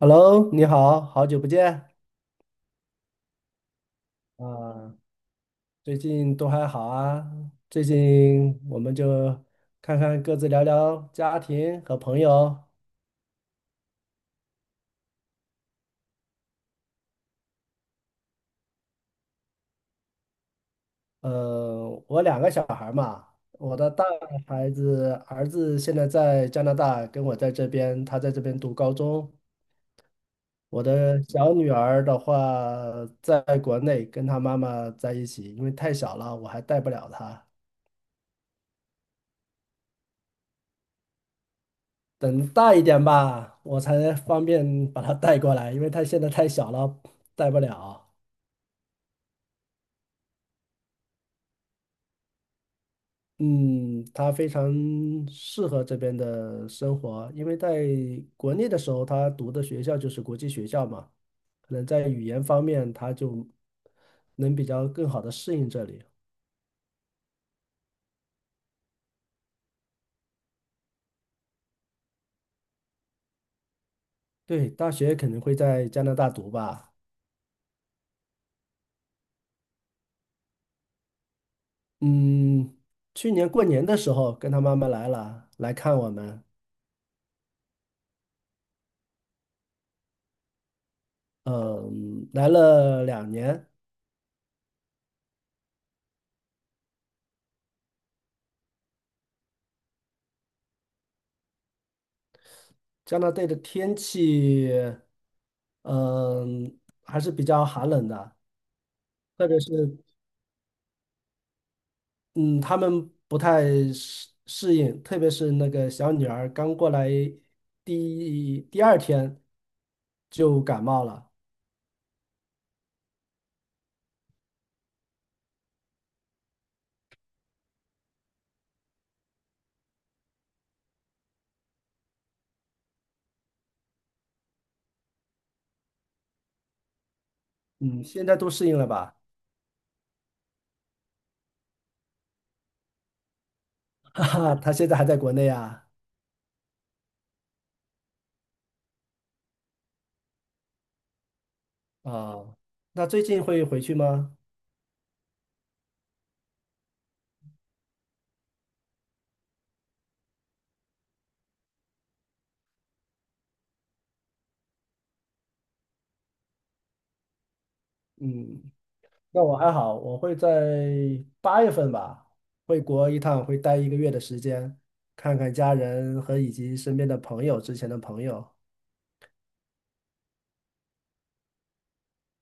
Hello，你好，好久不见啊，最近都还好啊？最近我们就看看各自聊聊家庭和朋友。我两个小孩儿嘛，我的大孩子儿子现在在加拿大，跟我在这边，他在这边读高中。我的小女儿的话，在国内跟她妈妈在一起，因为太小了，我还带不了她。等大一点吧，我才方便把它带过来，因为它现在太小了，带不了。嗯，它非常适合这边的生活，因为在国内的时候，他读的学校就是国际学校嘛，可能在语言方面，他就能比较更好的适应这里。对，大学肯定会在加拿大读吧。嗯，去年过年的时候跟他妈妈来了，来看我们，嗯，来了2年。加拿大的天气，嗯，还是比较寒冷的，特别是嗯，他们不太适应，特别是那个小女儿刚过来第二天就感冒了，嗯，现在都适应了吧？哈哈，她现在还在国内啊，哦，那最近会回去吗？嗯。那我还好，我会在8月份吧，回国一趟，会待1个月的时间，看看家人和以及身边的朋友，之前的朋友。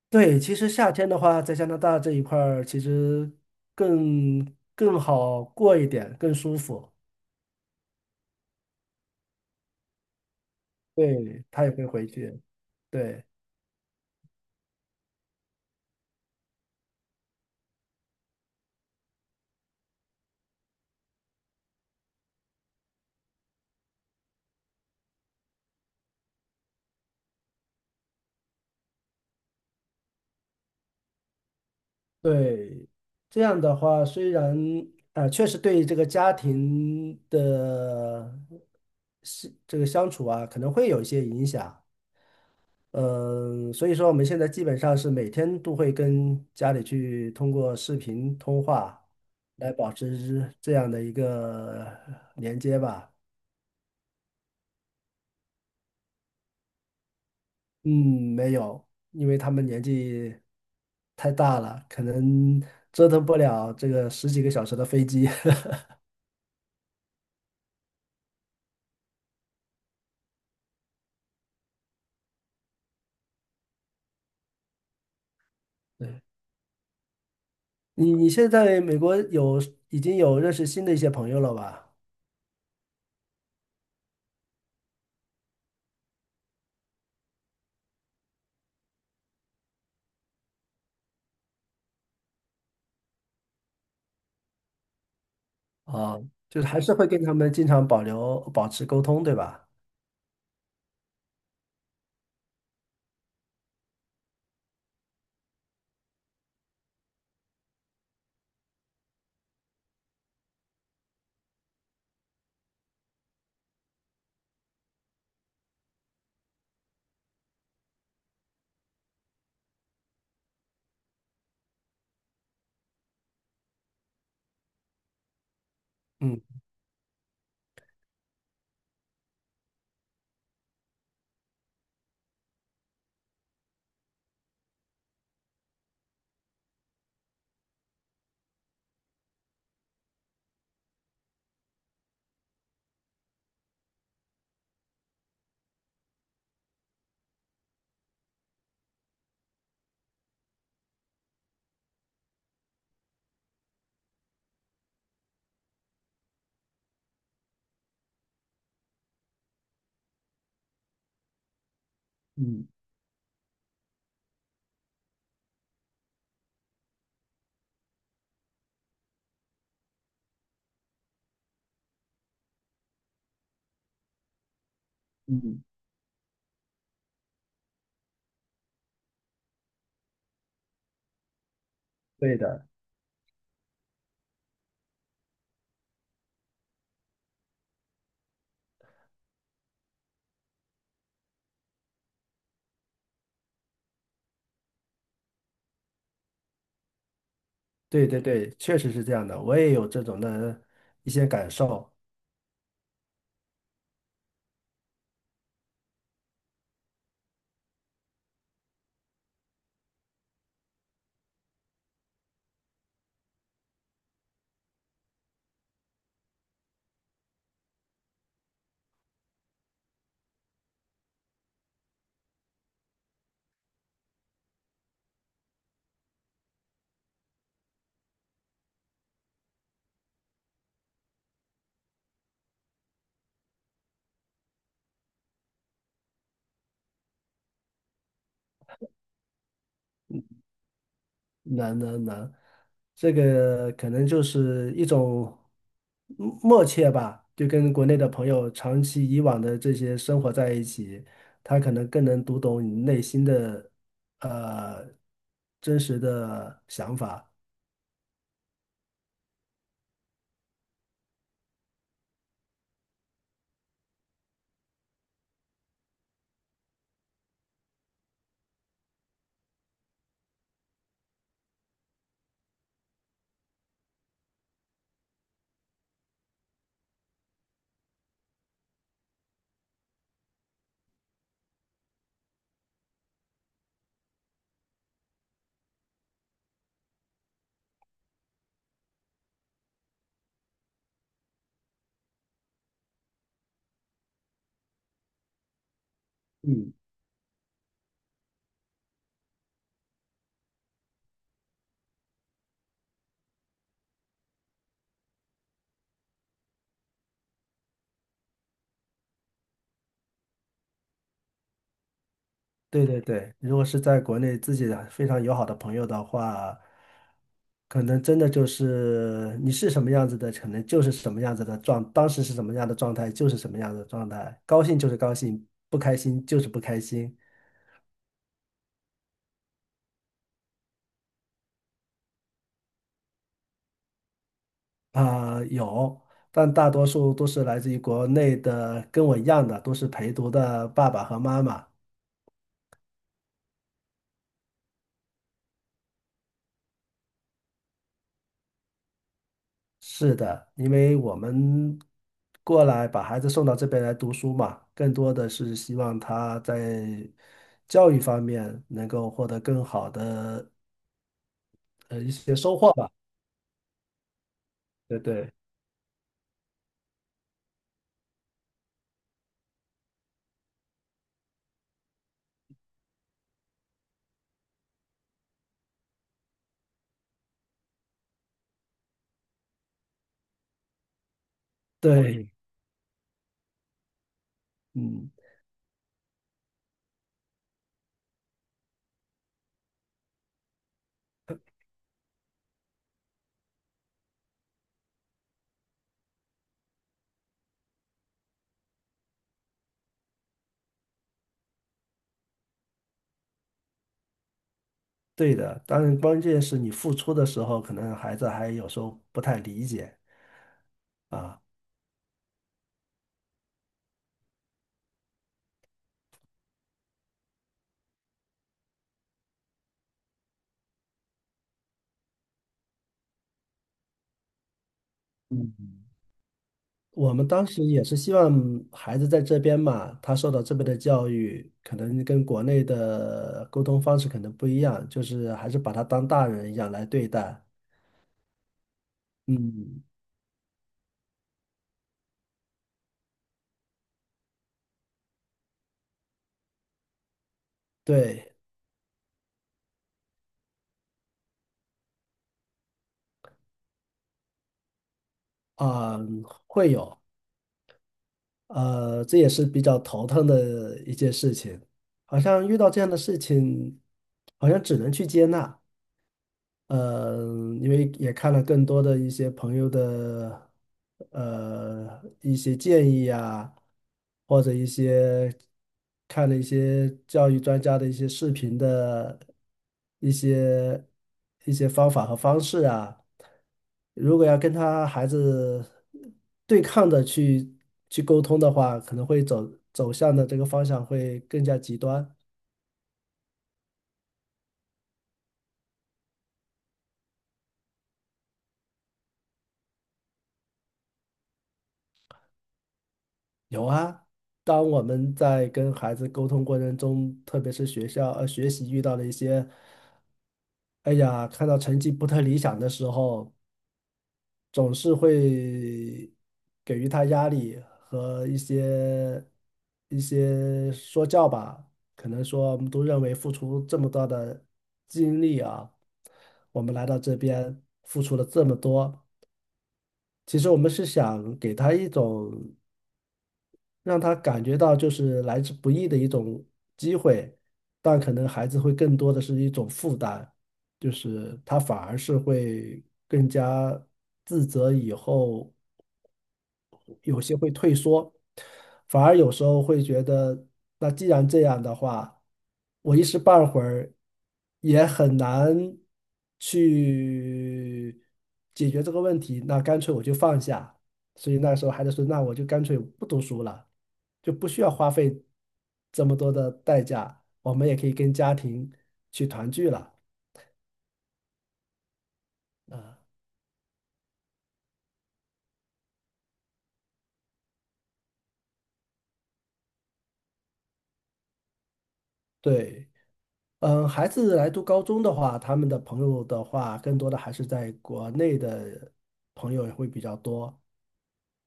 对，其实夏天的话，在加拿大这一块儿，其实更更好过一点，更舒服。对，他也会回去。对对，这样的话，虽然确实对这个家庭的是这个相处啊，可能会有一些影响。嗯，所以说我们现在基本上是每天都会跟家里去通过视频通话来保持这样的一个连接吧。嗯，没有，因为他们年纪太大了，可能折腾不了这个十几个小时的飞机。对，你现在美国有已经有认识新的一些朋友了吧？啊，就是还是会跟他们经常保持沟通，对吧？嗯嗯嗯，对的。对对对，确实是这样的，我也有这种的一些感受。能能能，这个可能就是一种嗯默契吧，就跟国内的朋友长期以往的这些生活在一起，他可能更能读懂你内心的呃真实的想法。嗯。对对对，如果是在国内自己的非常友好的朋友的话，可能真的就是你是什么样子的，可能就是什么样子的状，当时是什么样的状态就是什么样的状态，高兴就是高兴，不开心就是不开心啊，有，但大多数都是来自于国内的，跟我一样的，都是陪读的爸爸和妈妈。是的，因为我们过来把孩子送到这边来读书嘛，更多的是希望他在教育方面能够获得更好的一些收获吧。对对对，嗯，对的。当然，关键是你付出的时候，可能孩子还有时候不太理解啊。嗯。我们当时也是希望孩子在这边嘛，他受到这边的教育，可能跟国内的沟通方式可能不一样，就是还是把他当大人一样来对待。嗯，对，啊，会有，这也是比较头疼的一件事情。好像遇到这样的事情，好像只能去接纳。嗯，因为也看了更多的一些朋友的一些建议啊，或者一些看了一些教育专家的一些视频的一些一些方法和方式啊，如果要跟他孩子对抗的去沟通的话，可能会走向的这个方向会更加极端。有啊，当我们在跟孩子沟通过程中，特别是学校学习遇到了一些，哎呀，看到成绩不太理想的时候，总是会给予他压力和一些说教吧。可能说我们都认为付出这么大的精力啊，我们来到这边付出了这么多，其实我们是想给他一种。让他感觉到就是来之不易的一种机会，但可能孩子会更多的是一种负担，就是他反而是会更加自责以后有些会退缩，反而有时候会觉得，那既然这样的话，我一时半会儿也很难去解决这个问题，那干脆我就放下。所以那时候还是说，那我就干脆不读书了，就不需要花费这么多的代价，我们也可以跟家庭去团聚了。对。孩子来读高中的话，他们的朋友的话，更多的还是在国内的朋友也会比较多，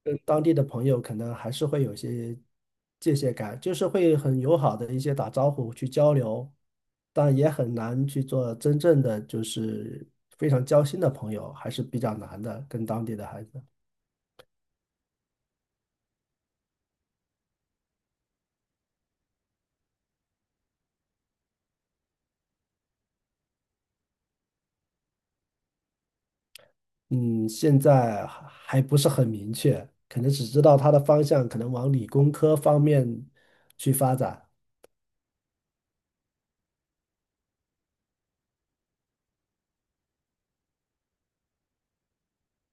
跟当地的朋友可能还是会有些界限感，就是会很友好的一些打招呼去交流，但也很难去做真正的就是非常交心的朋友，还是比较难的，跟当地的孩子。嗯，现在还不是很明确，可能只知道他的方向可能往理工科方面去发展。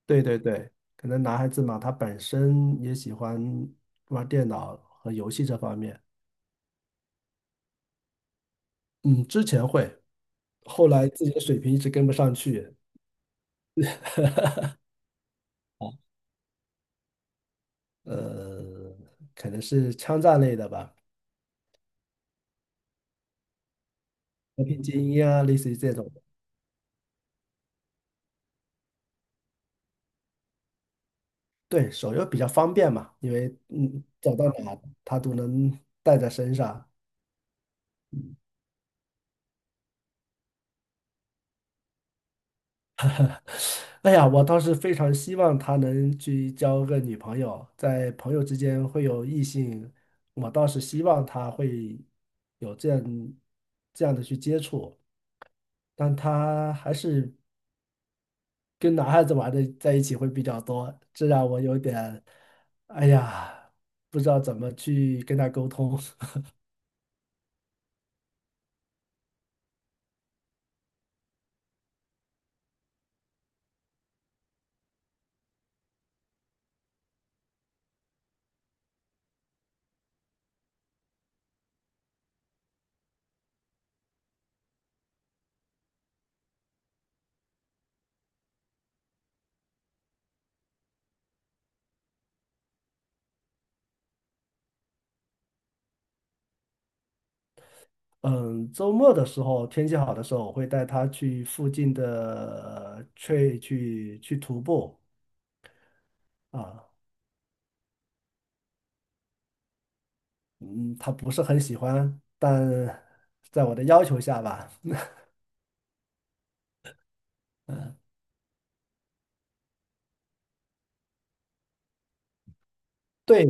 对对对，可能男孩子嘛，他本身也喜欢玩电脑和游戏这方面。嗯，之前会，后来自己的水平一直跟不上去，呃，可能是枪战类的吧，和平精英啊，类似于这种的对，手游比较方便嘛，因为走到哪他都能带在身上。哎呀，我倒是非常希望他能去交个女朋友，在朋友之间会有异性，我倒是希望他会有这样的去接触，但他还是跟男孩子玩的在一起会比较多，这让我有点，哎呀，不知道怎么去跟他沟通。嗯，周末的时候，天气好的时候，我会带他去附近的去徒步啊。嗯，他不是很喜欢，但在我的要求下吧，对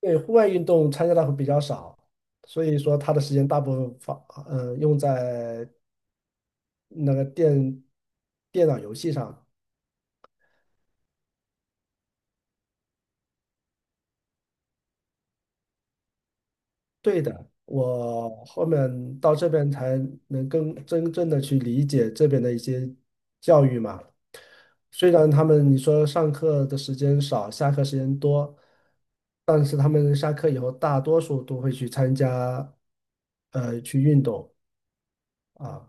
对，户外运动参加的会比较少，所以说他的时间大部分放，用在那个电脑游戏上。对的，我后面到这边才能更真正的去理解这边的一些教育嘛。虽然他们你说上课的时间少，下课时间多，但是他们下课以后大多数都会去参加，去运动啊。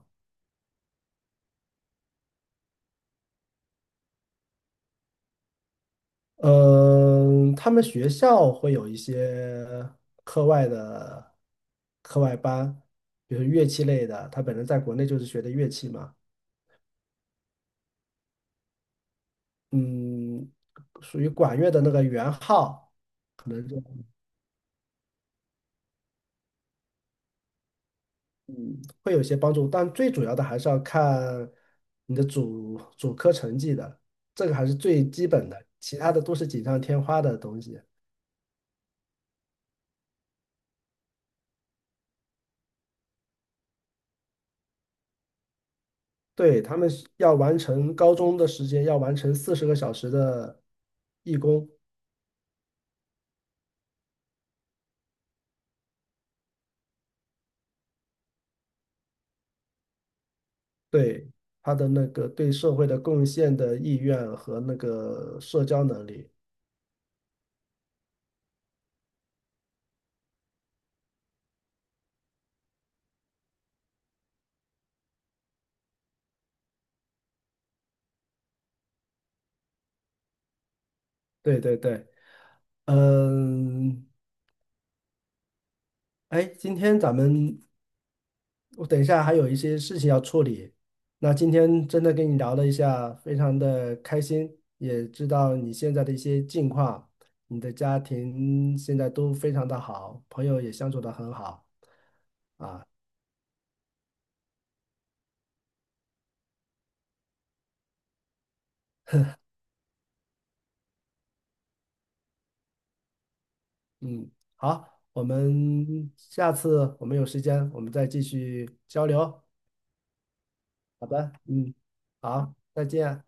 嗯，他们学校会有一些课外的课外班，比如乐器类的。他本人在国内就是学的乐器嘛。嗯，属于管乐的那个圆号，可能就会有些帮助，但最主要的还是要看你的主科成绩的，这个还是最基本的，其他的都是锦上添花的东西。对，他们是要完成高中的时间，要完成40个小时的义工，对，他的那个对社会的贡献的意愿和那个社交能力，对对对，嗯，哎，今天咱们我等一下还有一些事情要处理。那今天真的跟你聊了一下，非常的开心，也知道你现在的一些近况，你的家庭现在都非常的好，朋友也相处的很好。嗯，好，我们下次我们有时间，我们再继续交流。好的，嗯，好，再见。